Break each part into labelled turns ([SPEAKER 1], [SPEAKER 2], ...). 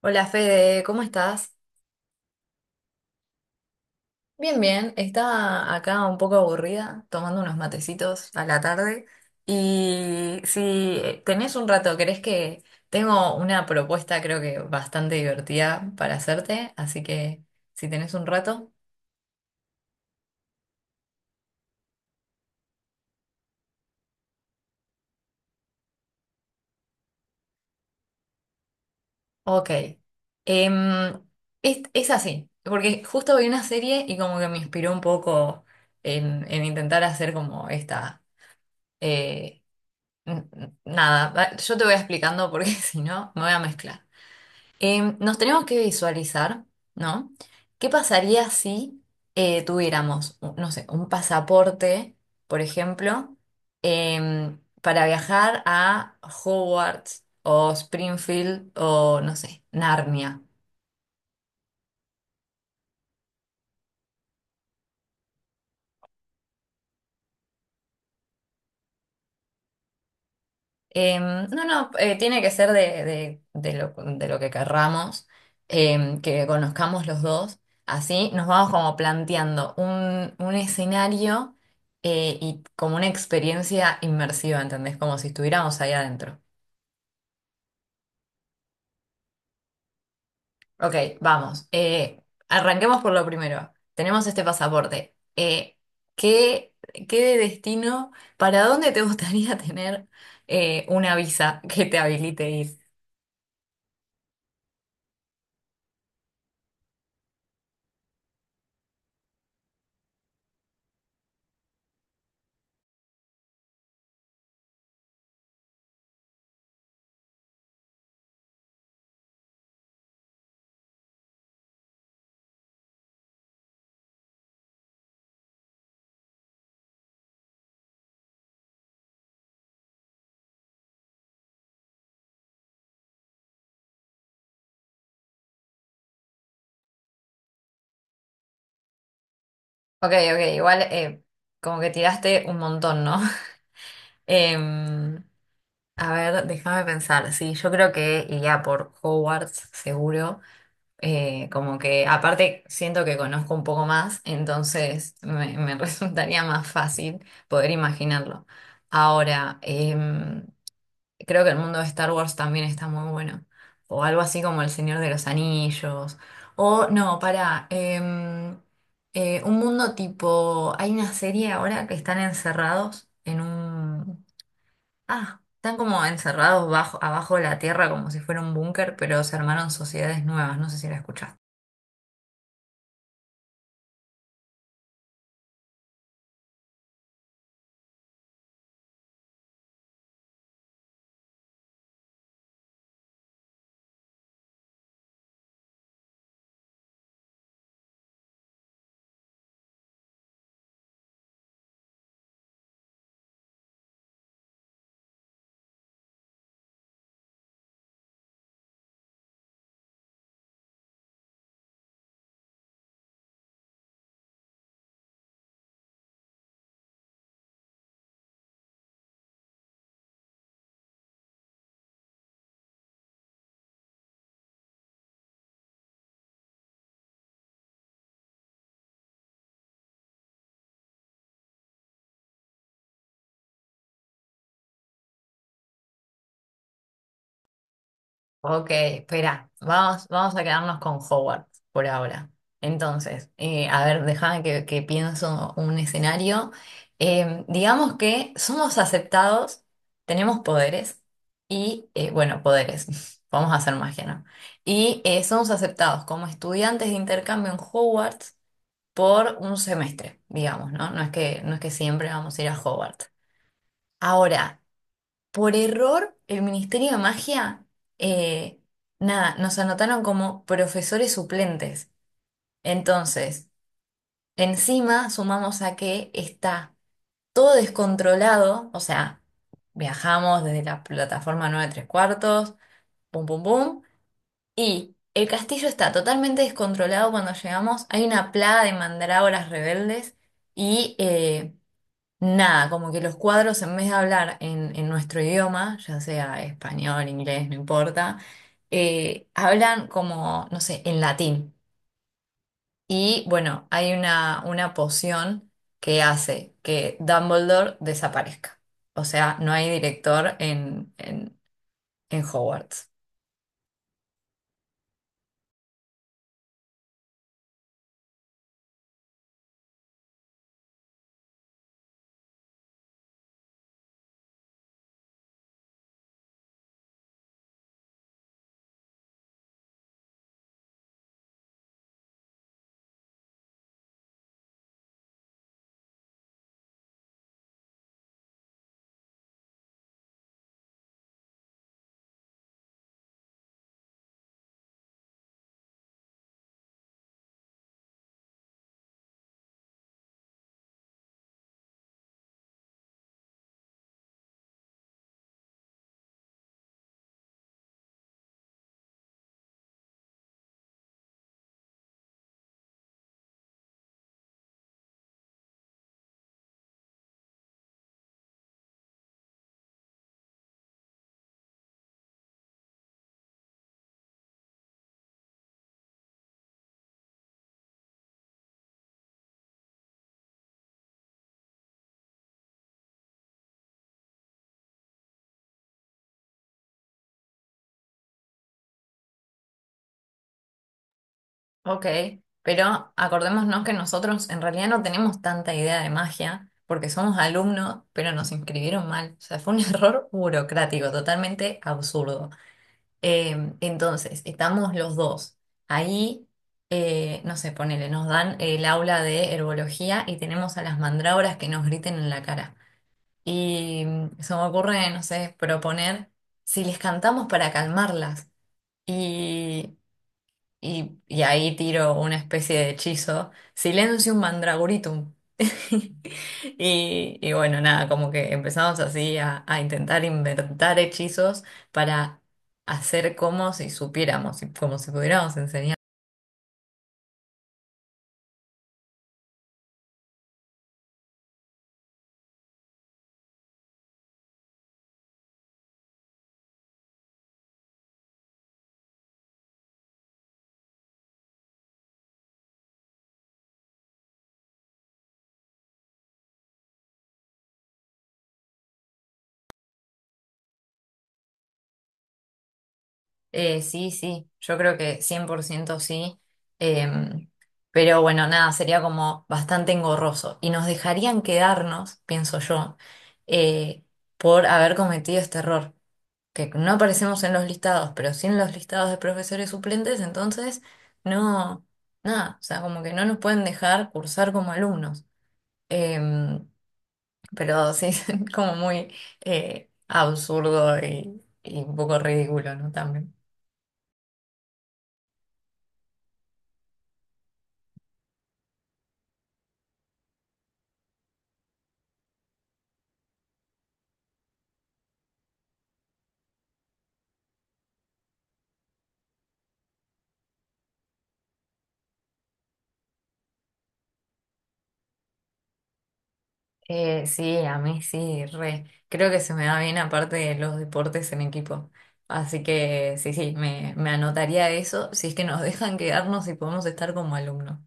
[SPEAKER 1] Hola Fede, ¿cómo estás? Bien, bien. Estaba acá un poco aburrida, tomando unos matecitos a la tarde. Y si tenés un rato, ¿querés que tengo una propuesta creo que bastante divertida para hacerte? Así que si tenés un rato, ok. Em, es así, porque justo vi una serie y como que me inspiró un poco en intentar hacer como esta... eh, Nada, yo te voy explicando porque si no me voy a mezclar. Nos tenemos que visualizar, ¿no? ¿Qué pasaría si tuviéramos, no sé, un pasaporte, por ejemplo, para viajar a Hogwarts o Springfield o, no sé, Narnia? No, no, tiene que ser de lo que querramos, que conozcamos los dos. Así nos vamos como planteando un escenario y como una experiencia inmersiva, ¿entendés? Como si estuviéramos ahí adentro. Ok, vamos. Arranquemos por lo primero. Tenemos este pasaporte. ¿Qué, Qué de destino? ¿Para dónde te gustaría tener una visa que te habilite? Ok, ok, igual como que tiraste un montón, ¿no? Em, a ver, déjame pensar. Sí, yo creo que iría por Hogwarts, seguro. Como que aparte siento que conozco un poco más, entonces me resultaría más fácil poder imaginarlo. Ahora, creo que el mundo de Star Wars también está muy bueno. O algo así como El Señor de los Anillos. O no, para un mundo tipo. Hay una serie ahora que están encerrados en un. Ah, están como encerrados bajo, abajo de la tierra como si fuera un búnker, pero se armaron sociedades nuevas. No sé si la escuchaste. Ok, espera, vamos, vamos a quedarnos con Howard por ahora. Entonces, a ver, déjame que pienso un escenario. Digamos que somos aceptados, tenemos poderes y, bueno, poderes, vamos a hacer magia, ¿no? Y somos aceptados como estudiantes de intercambio en Hogwarts por un semestre, digamos, ¿no? No es que siempre vamos a ir a Hogwarts. Ahora, por error, el Ministerio de Magia, eh, nada, nos anotaron como profesores suplentes. Entonces, encima sumamos a que está todo descontrolado, o sea, viajamos desde la plataforma 9 3/4, pum, pum, pum, y el castillo está totalmente descontrolado cuando llegamos. Hay una plaga de mandrágoras rebeldes y... nada, como que los cuadros en vez de hablar en nuestro idioma, ya sea español, inglés, no importa, hablan como, no sé, en latín. Y bueno, hay una poción que hace que Dumbledore desaparezca. O sea, no hay director en Hogwarts. Ok, pero acordémonos que nosotros en realidad no tenemos tanta idea de magia porque somos alumnos, pero nos inscribieron mal. O sea, fue un error burocrático, totalmente absurdo. Entonces, estamos los dos. Ahí, no sé, ponele, nos dan el aula de herbología y tenemos a las mandrágoras que nos griten en la cara. Y mm, se me ocurre, no sé, proponer si les cantamos para calmarlas. Y y ahí tiro una especie de hechizo, Silencium Mandragoritum. Y, y bueno, nada, como que empezamos así a intentar inventar hechizos para hacer como si supiéramos, y como si pudiéramos enseñar. Sí, sí, yo creo que 100% sí. Em, pero bueno, nada, sería como bastante engorroso. Y nos dejarían quedarnos, pienso yo, eh, por haber cometido este error, que no aparecemos en los listados, pero sí en los listados de profesores suplentes, entonces no, nada, o sea, como que no nos pueden dejar cursar como alumnos. Em, pero sí, como muy absurdo y un poco ridículo, ¿no? También. Sí, a mí sí, re. Creo que se me da bien aparte de los deportes en equipo. Así que sí, sí, me anotaría eso si es que nos dejan quedarnos y podemos estar como alumnos.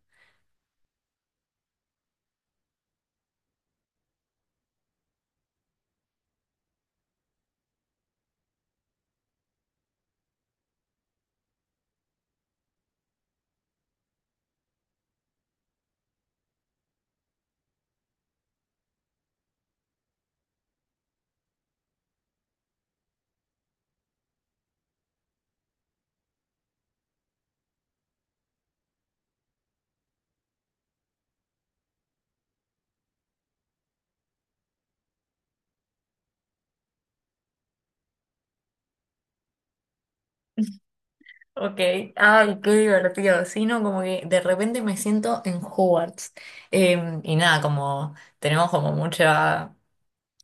[SPEAKER 1] Ok, ay, qué divertido. Sí, no, como que de repente me siento en Hogwarts. Y nada, como tenemos como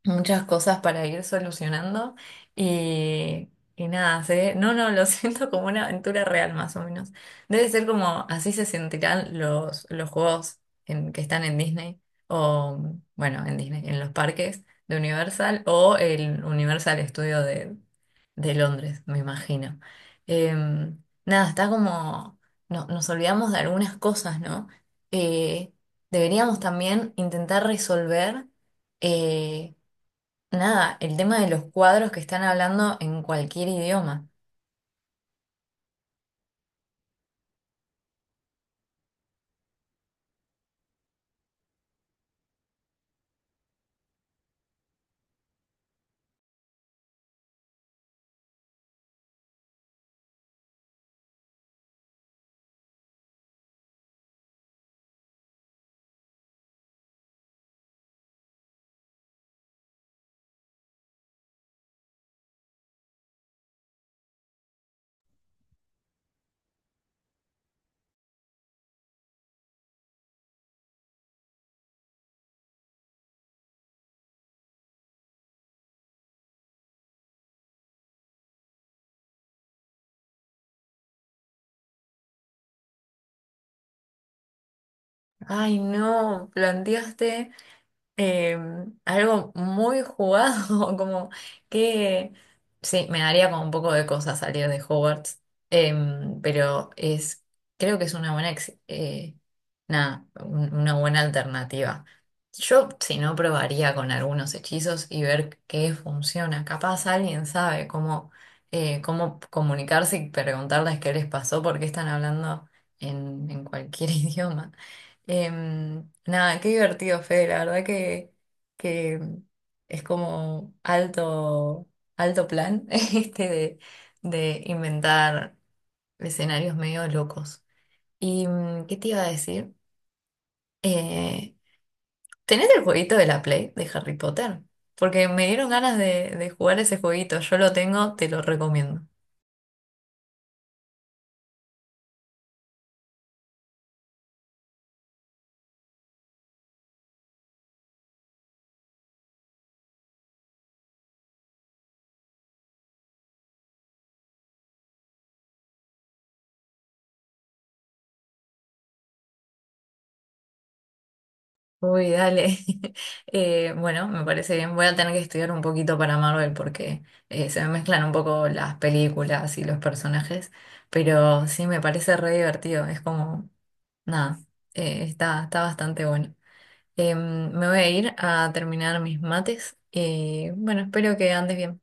[SPEAKER 1] muchas cosas para ir solucionando y, y nada, no, no, lo siento como una aventura real más o menos. Debe ser como así se sentirán los juegos que están en Disney o, bueno, en Disney, en los parques de Universal o el Universal Studio de Londres, me imagino. Nada, está como, no, nos olvidamos de algunas cosas, ¿no? Eh, Deberíamos también intentar resolver. eh, Nada, el tema de los cuadros que están hablando en cualquier idioma. Ay, no, planteaste. Eh, Algo muy jugado, como que sí, me daría como un poco de cosa salir de Hogwarts, pero es, creo que es una buena, nada, una buena alternativa. Yo, si no, probaría con algunos hechizos y ver qué funciona. Capaz alguien sabe cómo, cómo comunicarse y preguntarles qué les pasó, porque están hablando en cualquier idioma. Nada, qué divertido, Fede. La verdad que mm, es como alto, alto plan este de inventar escenarios medio locos. ¿Y mm, qué te iba a decir? Eh, ¿Tenés el jueguito de la Play de Harry Potter? Porque me dieron ganas de jugar ese jueguito. Yo lo tengo, te lo recomiendo. Uy, dale. Bueno, me parece bien. Voy a tener que estudiar un poquito para Marvel porque se me mezclan un poco las películas y los personajes, pero sí me parece re divertido. Es como, nada, está, está bastante bueno. Me voy a ir a terminar mis mates y bueno, espero que andes bien.